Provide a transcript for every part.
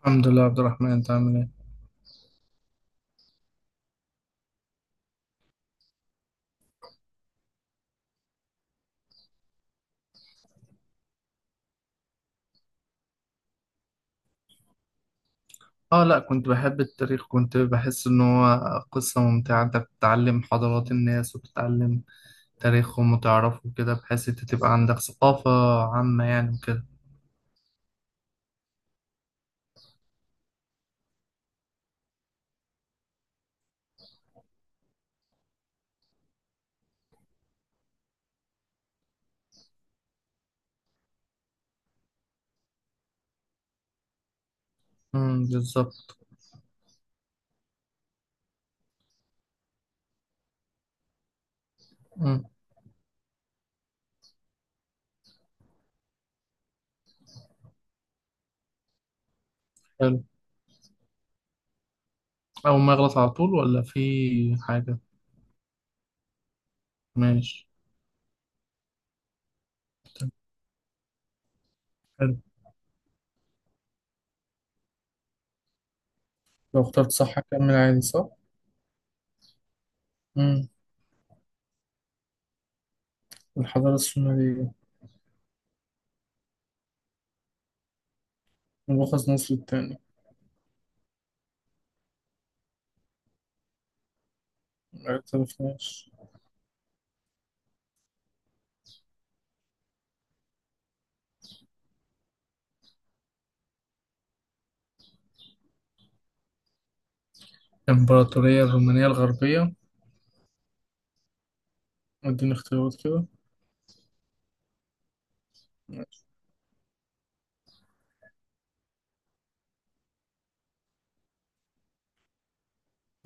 الحمد لله عبد الرحمن، انت عامل ايه؟ اه لا، كنت بحب التاريخ. كنت بحس ان هو قصة ممتعة. انت بتتعلم حضارات الناس وبتتعلم تاريخهم وتعرفه كده، بحيث انت تبقى عندك ثقافة عامة يعني وكده. بالظبط. امم. حلو. اول ما يغلط على طول ولا في حاجة؟ ماشي. طب حلو. لو اخترت صح هكمل عادي صح؟ امم. الحضارة السومرية. ملخص مصر التاني. ما اعترفناش. الإمبراطورية الرومانية الغربية. اديني اختيارات كده.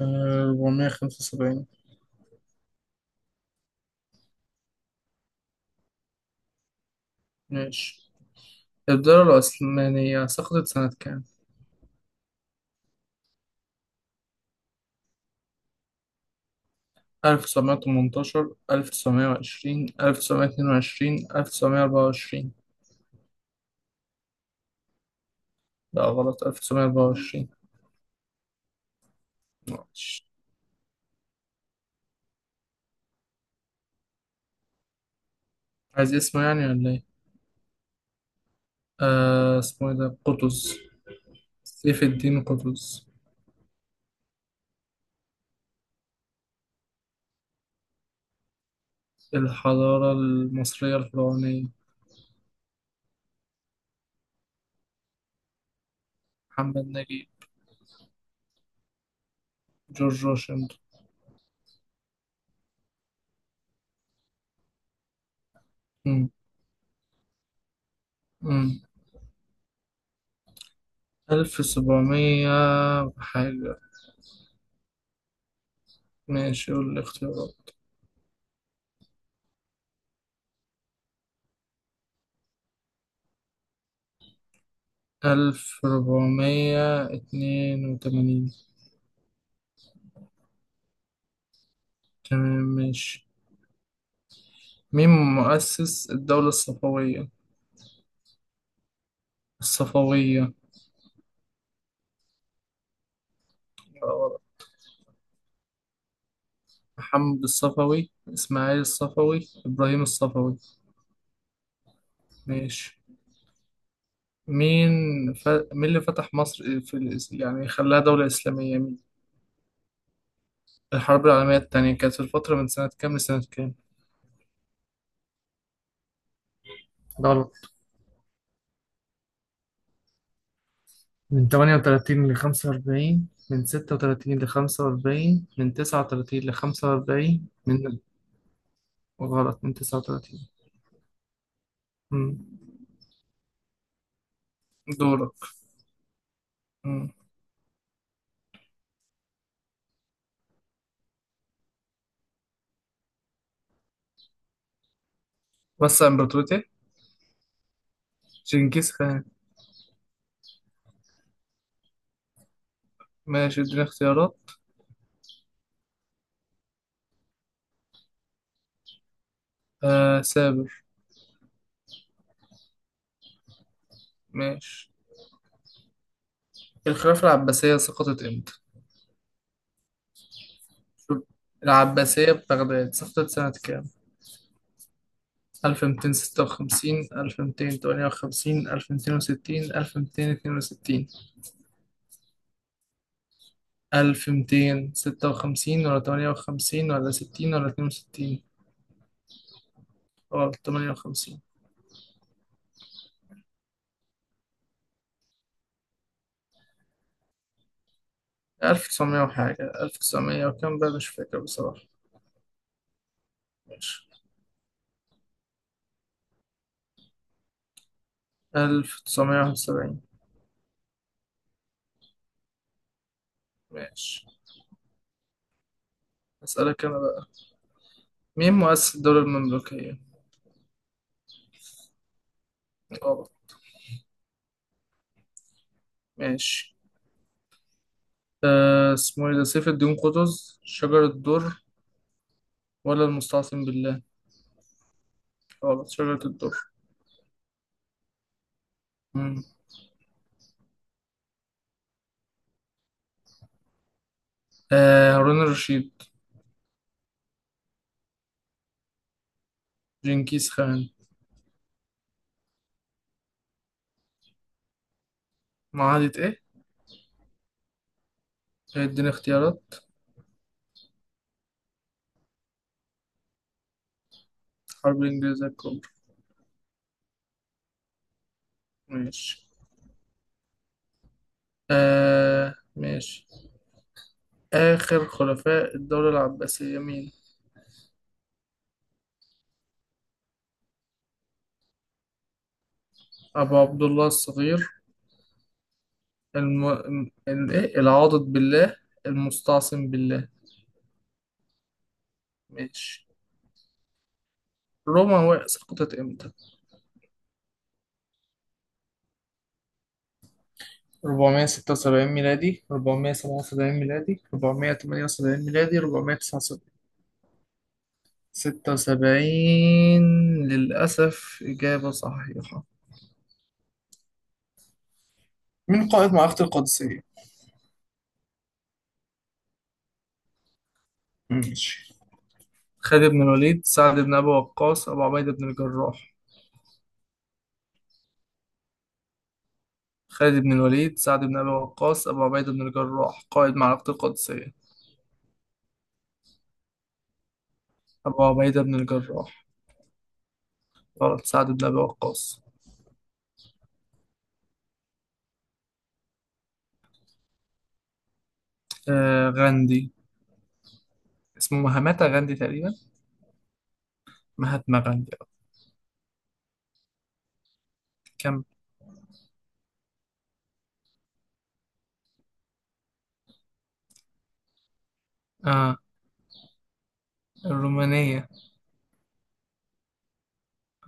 475. ماشي. الدولة العثمانية سقطت سنة كام؟ 1918، 1920، 1922، 1924. لا، غلط. 1924. ماشي. عايز اسمه يعني ولا إيه؟ آه اسمه إيه ده؟ قطز. سيف الدين قطز. الحضارة المصرية الفرعونية. محمد نجيب. جورج واشنطن. مم. مم. 1700 حاجة. ماشي، قول الاختيارات. 1482. تمام. ماشي. مين مؤسس الدولة الصفوية؟ الصفوية. يبقى ورا. محمد الصفوي، إسماعيل الصفوي، إبراهيم الصفوي. ماشي. مين مين اللي فتح مصر يعني خلاها دولة إسلامية مين؟ الحرب العالمية التانية كانت في الفترة من سنة كام لسنة كام؟ غلط. من 38 ل 45، من 36 ل 45، من 39 ل 45، من. غلط، من 39. مم. دورك. مم. وسع إمبراطوريته. جنكيز خان. ماشي، اديني اختيارات. آه سابر. ماشي. الخلافة العباسية سقطت امتى؟ شوف، العباسية ببغداد سقطت سنة كام؟ 1256، 1258، 1260، 1262. 1256 ولا 58 ولا 60 ولا 62؟ غلط، 58. 1900 وحاجة، 1900 وكام بقى، مش فاكر بصراحة. ماشي. 1971. ماشي، أسألك أنا بقى. مين مؤسس الدولة المملوكية؟ طبعا. ماشي. أه اسمه إيه ده، سيف الدين قطز، شجرة الدر ولا المستعصم بالله؟ غلط، شجرة الدر. مم. أه هارون الرشيد. جنكيز خان. معاهدة إيه؟ اديني اختيارات. حرب الإنجليزية الكبرى. ماشي. أه ماشي. آخر خلفاء الدولة العباسية مين؟ أبو عبد الله الصغير، الم... إيه؟ العاضد بالله، المستعصم بالله. ماشي. روما سقطت امتى؟ 476 ميلادي، 477 ميلادي، 478 ميلادي. 476. للأسف، إجابة صحيحة. من قائد معركة القادسية؟ ماشي. خالد بن الوليد، سعد بن أبي وقاص، أبو عبيدة بن الجراح. خالد بن الوليد، سعد بن أبي وقاص، أبو عبيدة بن الجراح قائد معركة القادسية. أبو عبيدة بن الجراح. غلط، سعد بن أبي وقاص. آه غاندي. اسمه مهاماتا غاندي تقريبا. مهاتما غاندي. آه. كم. آه. الرومانية.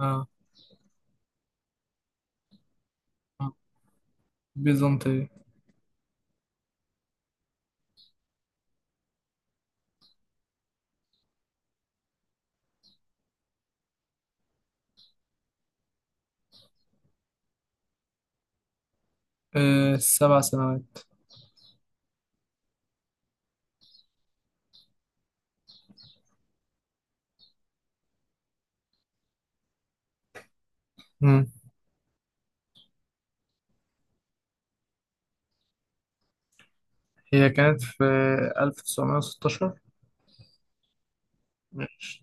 آه, آه. بيزنطية. آه 7 سنوات. مم. هي كانت في 1916. ماشي.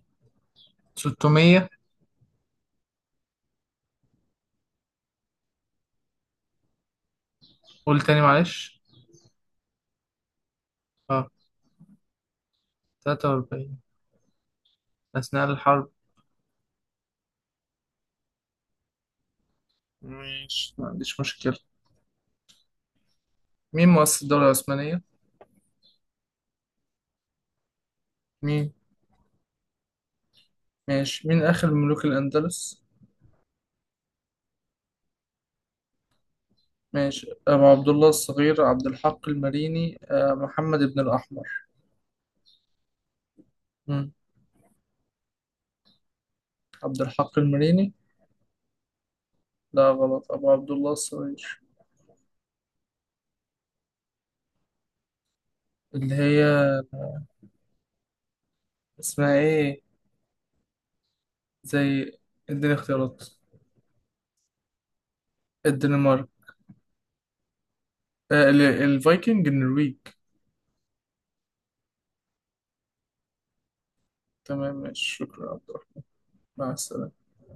600. قول تاني معلش. اه 43. أثناء الحرب. ماشي، ما عنديش مشكلة. مين مؤسس الدولة العثمانية؟ مين؟ ماشي. مين آخر ملوك الأندلس؟ ماشي. أبو عبد الله الصغير، عبد الحق المريني، آه، محمد بن الأحمر. مم. عبد الحق المريني. لا، غلط. أبو عبد الله الصغير. اللي هي اسمها إيه. زي. اديني اختيارات. الدنمارك. آه، الفايكنج النرويج. تمام، ماشي. شكرا يا عبد الرحمن. مع السلامة.